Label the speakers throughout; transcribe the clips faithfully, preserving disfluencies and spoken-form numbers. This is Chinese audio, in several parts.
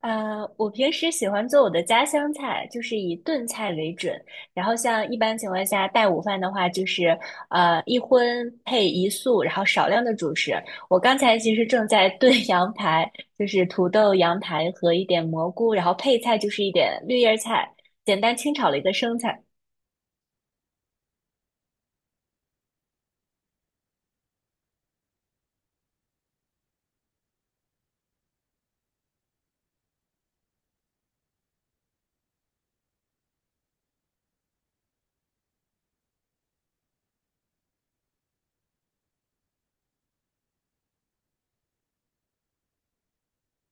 Speaker 1: 呃，我平时喜欢做我的家乡菜，就是以炖菜为准。然后像一般情况下带午饭的话，就是呃一荤配一素，然后少量的主食。我刚才其实正在炖 羊排，就是土豆、羊排和一点蘑菇，然后配菜就是一点绿叶菜，简单清炒了一个生菜。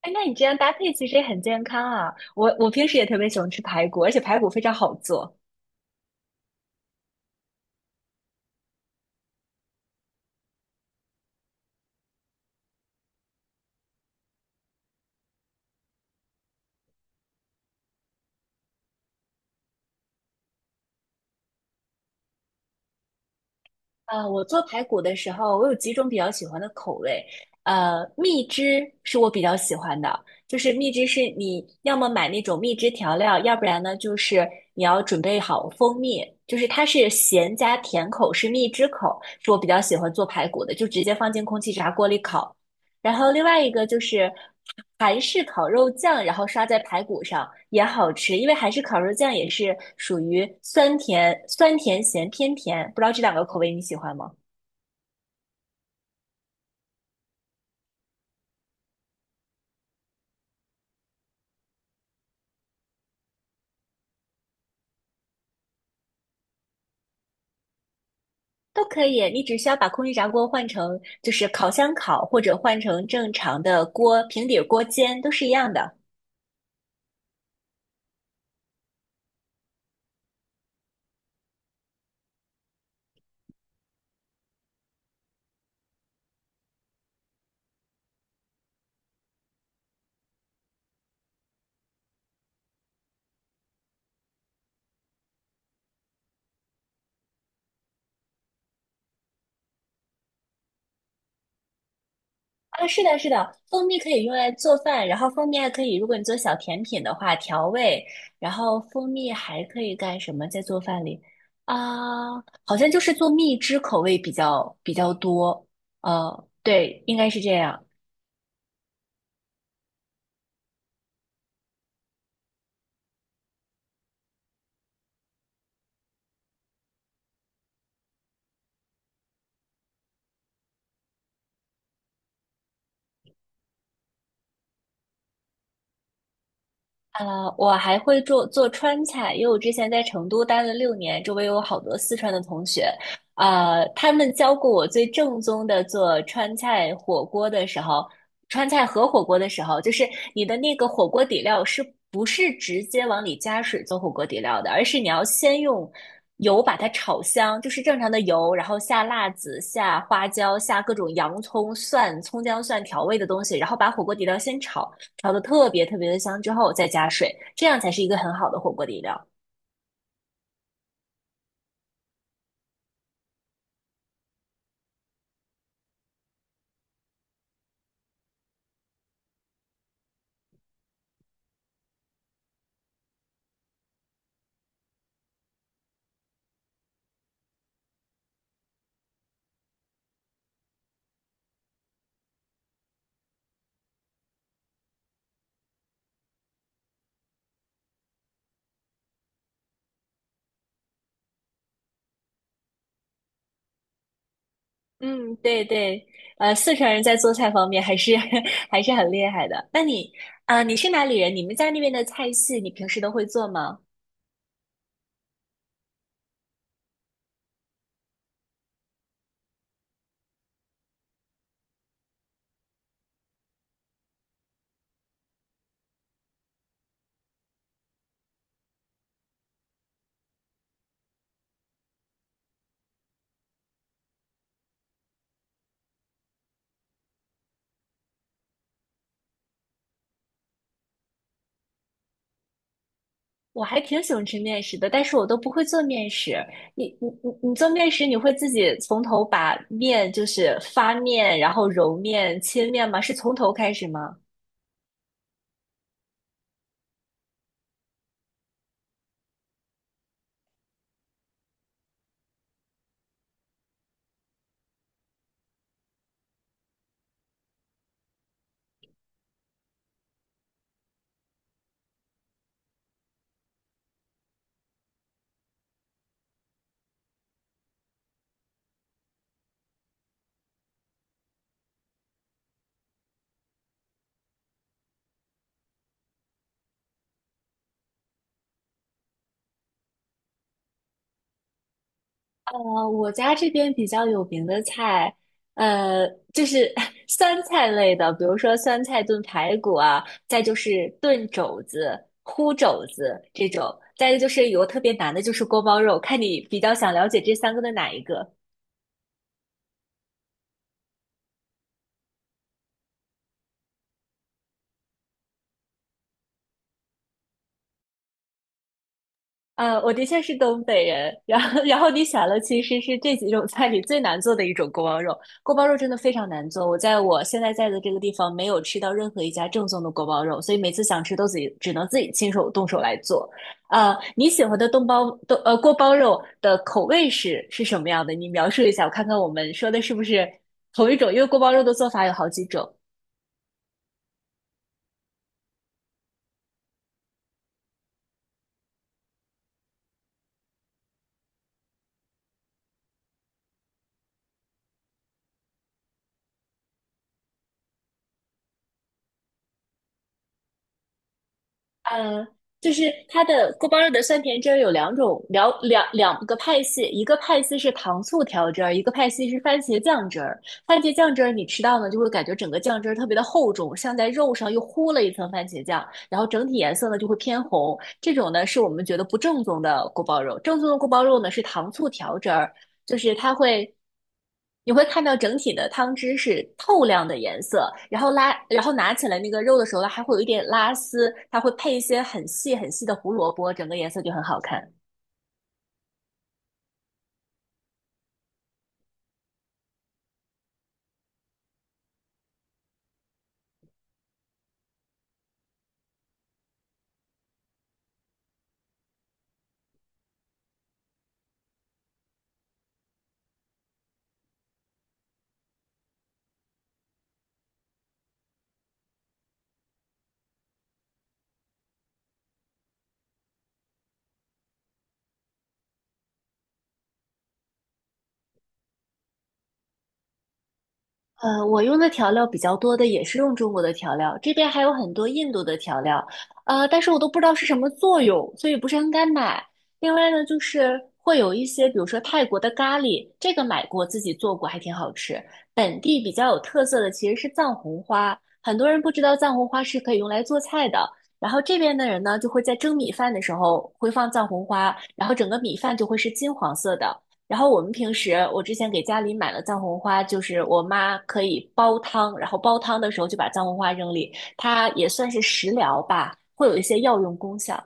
Speaker 1: 哎，那你这样搭配其实也很健康啊。我我平时也特别喜欢吃排骨，而且排骨非常好做。呃，我做排骨的时候，我有几种比较喜欢的口味。呃，蜜汁是我比较喜欢的，就是蜜汁是你要么买那种蜜汁调料，要不然呢就是你要准备好蜂蜜，就是它是咸加甜口，是蜜汁口，是我比较喜欢做排骨的，就直接放进空气炸锅里烤。然后另外一个就是韩式烤肉酱，然后刷在排骨上也好吃，因为韩式烤肉酱也是属于酸甜酸甜咸偏甜，不知道这两个口味你喜欢吗？都可以，你只需要把空气炸锅换成就是烤箱烤，或者换成正常的锅平底锅煎，都是一样的。啊，是的，是的，蜂蜜可以用来做饭，然后蜂蜜还可以，如果你做小甜品的话，调味，然后蜂蜜还可以干什么？在做饭里啊，好像就是做蜜汁口味比较比较多，呃，对，应该是这样。啊，我还会做做川菜，因为我之前在成都待了六年，周围有好多四川的同学，呃，他们教过我最正宗的做川菜火锅的时候，川菜和火锅的时候，就是你的那个火锅底料是不是直接往里加水做火锅底料的，而是你要先用油把它炒香，就是正常的油，然后下辣子、下花椒、下各种洋葱、蒜、葱姜蒜调味的东西，然后把火锅底料先炒。调的特别特别的香之后再加水，这样才是一个很好的火锅底料。嗯，对对，呃，四川人在做菜方面还是 还是很厉害的。那你啊，你是哪里人？你们家那边的菜系，你平时都会做吗？我还挺喜欢吃面食的，但是我都不会做面食。你你你你做面食，你会自己从头把面就是发面，然后揉面、切面吗？是从头开始吗？呃，我家这边比较有名的菜，呃，就是 酸菜类的，比如说酸菜炖排骨啊，再就是炖肘子、烀肘子这种，再一个就是有个特别难的，就是锅包肉，看你比较想了解这三个的哪一个。呃，我的确是东北人，然后然后你选了，其实是这几种菜里最难做的一种锅包肉。锅包肉真的非常难做，我在我现在在的这个地方没有吃到任何一家正宗的锅包肉，所以每次想吃都自己只能自己亲手动手来做。呃，你喜欢的东包东呃锅包肉的口味是是什么样的？你描述一下，我看看我们说的是不是同一种，因为锅包肉的做法有好几种。呃，就是它的锅包肉的酸甜汁儿有两种，两两两个派系，一个派系是糖醋调汁儿，一个派系是番茄酱汁儿。番茄酱汁儿你吃到呢，就会感觉整个酱汁儿特别的厚重，像在肉上又糊了一层番茄酱，然后整体颜色呢就会偏红。这种呢是我们觉得不正宗的锅包肉，正宗的锅包肉呢是糖醋调汁儿，就是它会，你会看到整体的汤汁是透亮的颜色，然后拉，然后拿起来那个肉的时候呢，它还会有一点拉丝，它会配一些很细很细的胡萝卜，整个颜色就很好看。呃，我用的调料比较多的也是用中国的调料，这边还有很多印度的调料，呃，但是我都不知道是什么作用，所以不是很敢买。另外呢，就是会有一些，比如说泰国的咖喱，这个买过自己做过，还挺好吃。本地比较有特色的其实是藏红花，很多人不知道藏红花是可以用来做菜的。然后这边的人呢，就会在蒸米饭的时候会放藏红花，然后整个米饭就会是金黄色的。然后我们平时，我之前给家里买了藏红花，就是我妈可以煲汤，然后煲汤的时候就把藏红花扔里，它也算是食疗吧，会有一些药用功效。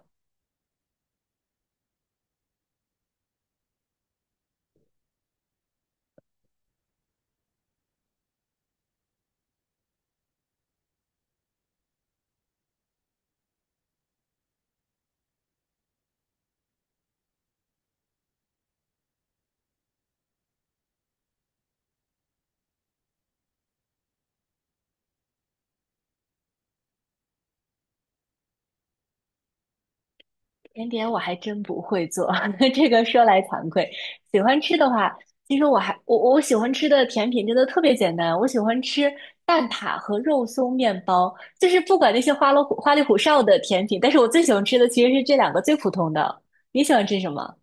Speaker 1: 甜点我还真不会做，这个说来惭愧。喜欢吃的话，其实我还我我喜欢吃的甜品真的特别简单，我喜欢吃蛋挞和肉松面包，就是不管那些花里胡花里胡哨的甜品，但是我最喜欢吃的其实是这两个最普通的。你喜欢吃什么？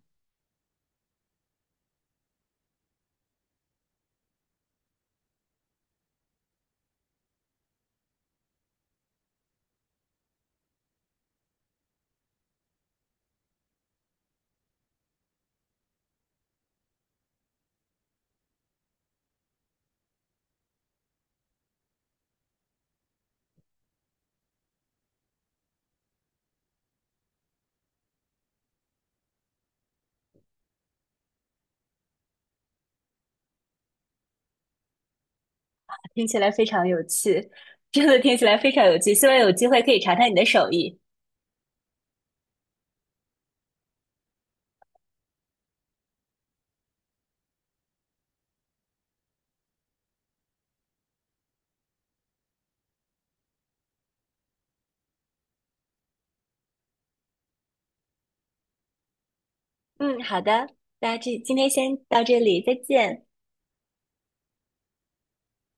Speaker 1: 听起来非常有趣，真的听起来非常有趣。希望有机会可以尝尝你的手艺。嗯，好的，那这今天先到这里，再见。